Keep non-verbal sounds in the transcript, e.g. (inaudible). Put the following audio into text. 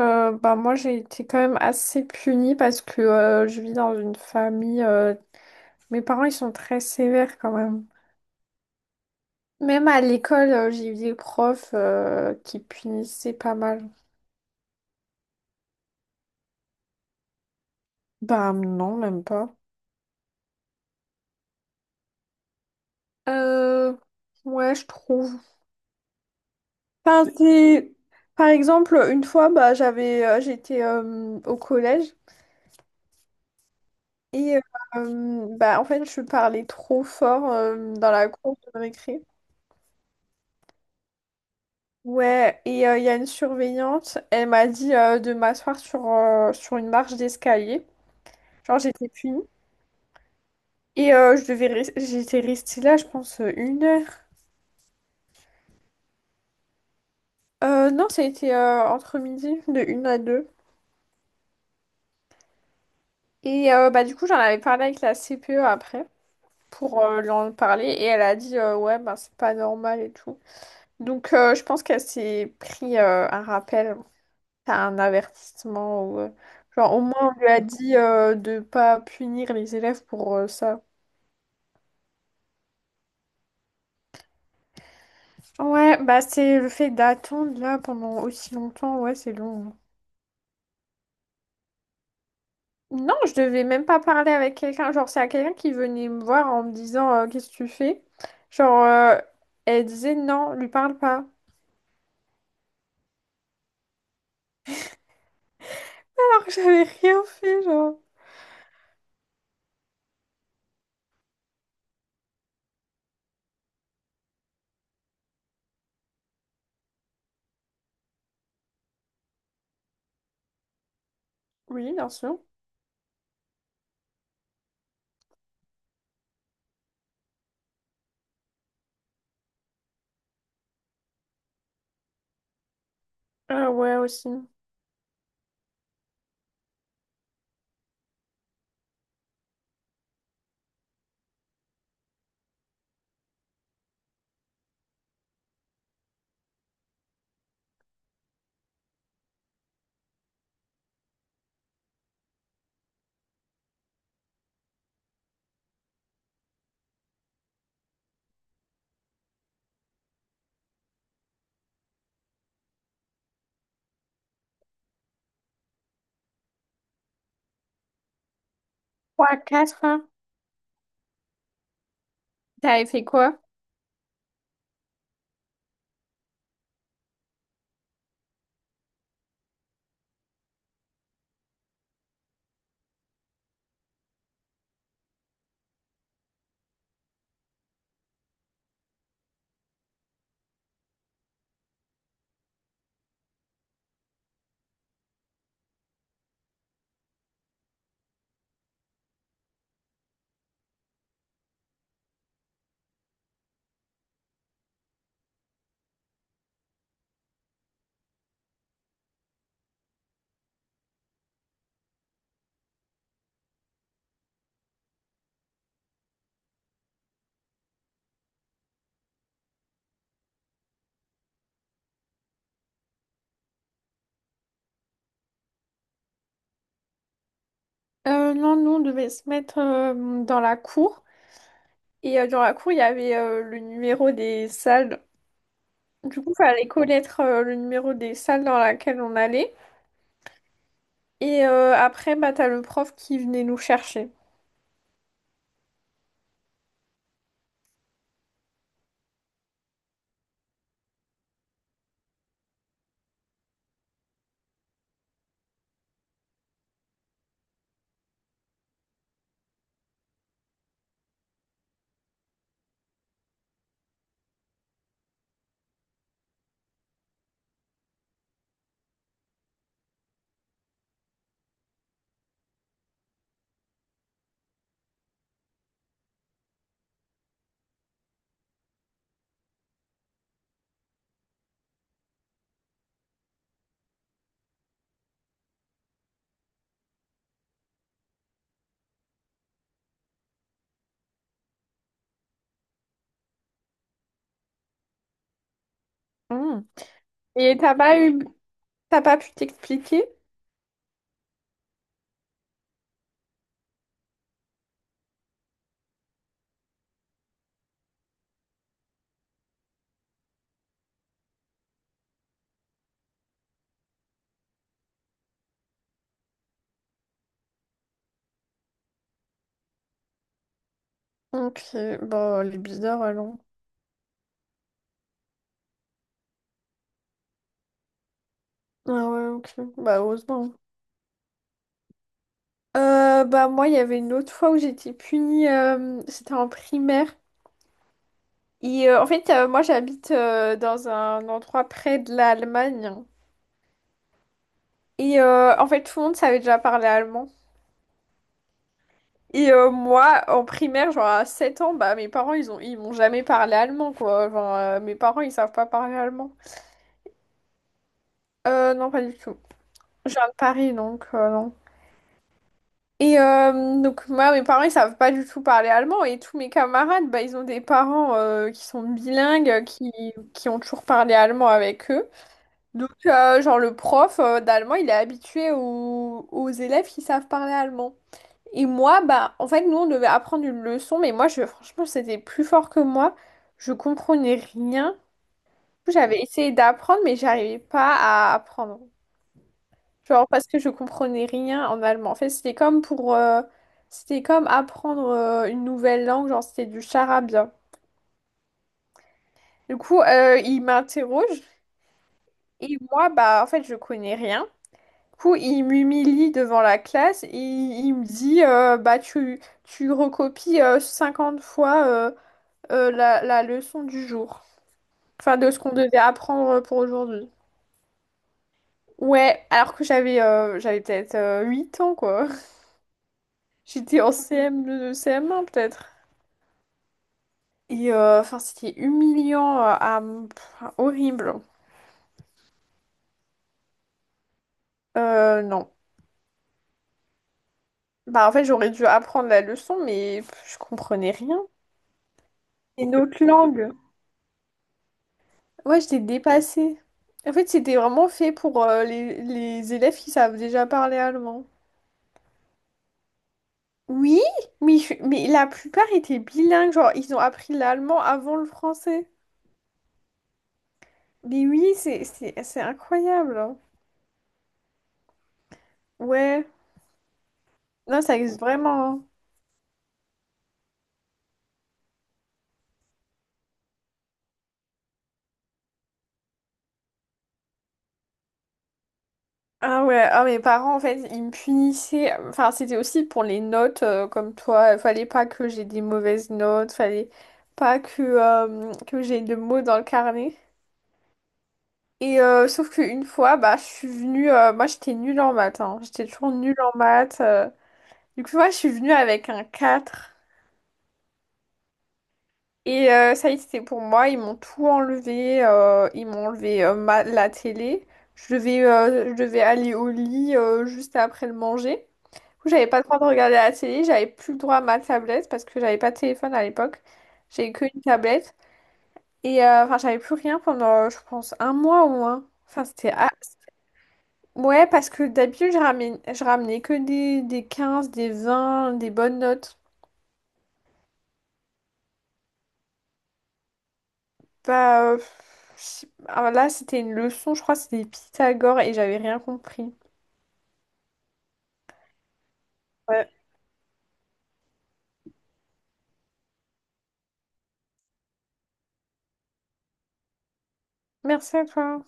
Bah moi j'ai été quand même assez punie parce que je vis dans une famille, mes parents ils sont très sévères quand même. Même à l'école, j'ai eu des profs, qui punissaient pas mal. Bah non même pas. Euh, ouais, je trouve. Enfin c'est, par exemple, une fois bah j'étais au collège et, bah en fait je parlais trop fort, dans la cour de récré. Ouais, et il y a une surveillante, elle m'a dit, de m'asseoir sur une marche d'escalier. Genre, j'étais punie. Et j'étais restée là, je pense, une heure. Non, ça a été, entre midi, de une à deux. Et bah, du coup, j'en avais parlé avec la CPE après pour lui en parler. Et elle a dit, ouais, bah, c'est pas normal et tout. Donc, je pense qu'elle s'est pris, un rappel. T'as un avertissement ou, genre au moins on lui a dit, de pas punir les élèves pour, ça. Ouais, bah c'est le fait d'attendre là pendant aussi longtemps, ouais, c'est long. Non, je devais même pas parler avec quelqu'un. Genre, c'est à quelqu'un qui venait me voir en me disant, qu'est-ce que tu fais? Genre, elle disait non, lui parle pas. (laughs) Alors que j'avais rien fait, genre. Oui, bien sûr. Ah ouais, aussi. 3, 4. T'avais fait quoi? Non, nous, on devait se mettre, dans la cour. Et dans la cour, il y avait, le numéro des salles. Du coup, il fallait connaître, le numéro des salles dans laquelle on allait. Et après, bah, t'as le prof qui venait nous chercher. Hmm. Et t'as pas pu t'expliquer? Ok, bah, elle est bizarre, alors. Ah ouais, ok. Bah, heureusement. Bah, moi, il y avait une autre fois où j'étais punie. C'était en primaire. Et en fait, moi, j'habite, dans un endroit près de l'Allemagne. Et en fait, tout le monde savait déjà parler allemand. Et moi, en primaire, genre à 7 ans, bah mes parents, ils m'ont jamais parlé allemand, quoi. Genre, mes parents, ils savent pas parler allemand. Non, pas du tout. Je viens de Paris, donc, non. Et donc, moi, mes parents, ils savent pas du tout parler allemand. Et tous mes camarades, bah, ils ont des parents, qui sont bilingues, qui ont toujours parlé allemand avec eux. Donc, genre, le prof, d'allemand, il est habitué aux élèves qui savent parler allemand. Et moi, bah, en fait, nous, on devait apprendre une leçon, mais moi, je, franchement, c'était plus fort que moi. Je comprenais rien. J'avais essayé d'apprendre, mais j'arrivais pas à apprendre. Genre, parce que je comprenais rien en allemand. En fait, c'était comme apprendre, une nouvelle langue, genre, c'était du charabia. Du coup, il m'interroge, et moi, bah, en fait, je connais rien. Du coup, il m'humilie devant la classe, et il me dit, bah, tu recopies, 50 fois, la leçon du jour. Enfin, de ce qu'on devait apprendre pour aujourd'hui. Ouais, alors que j'avais peut-être, 8 ans, quoi. (laughs) J'étais en CM2, CM1 peut-être. Et enfin, c'était humiliant, pff, horrible. Non. Bah, en fait, j'aurais dû apprendre la leçon, mais pff, je comprenais rien. Et notre langue. Ouais, j'étais dépassée. En fait, c'était vraiment fait pour, les élèves qui savent déjà parler allemand. Oui, mais, mais la plupart étaient bilingues, genre ils ont appris l'allemand avant le français. Mais oui, c'est incroyable, hein. Ouais, non, ça existe vraiment, hein. Ah ouais, ah, mes parents en fait, ils me punissaient. Enfin, c'était aussi pour les notes, comme toi. Il fallait pas que j'ai des mauvaises notes, fallait pas que j'ai de mots dans le carnet. Et sauf qu'une fois, bah, je suis venue, moi j'étais nulle en maths, hein. J'étais toujours nulle en maths. Du coup, moi, je suis venue avec un 4. Et ça y est, c'était pour moi. Ils m'ont tout enlevé. Ils m'ont enlevé, la télé. Je devais aller au lit, juste après le manger. Du coup, j'avais pas le droit de regarder la télé. J'avais plus le droit à ma tablette parce que j'avais pas de téléphone à l'époque. J'avais que une tablette. Et enfin, j'avais plus rien pendant, je pense, un mois au moins. Enfin, c'était... ah. Ouais, parce que d'habitude, je ramenais que des 15, des 20, des bonnes notes. Bah, ah, là, c'était une leçon, je crois, c'était Pythagore et j'avais rien compris. Ouais. Merci à toi.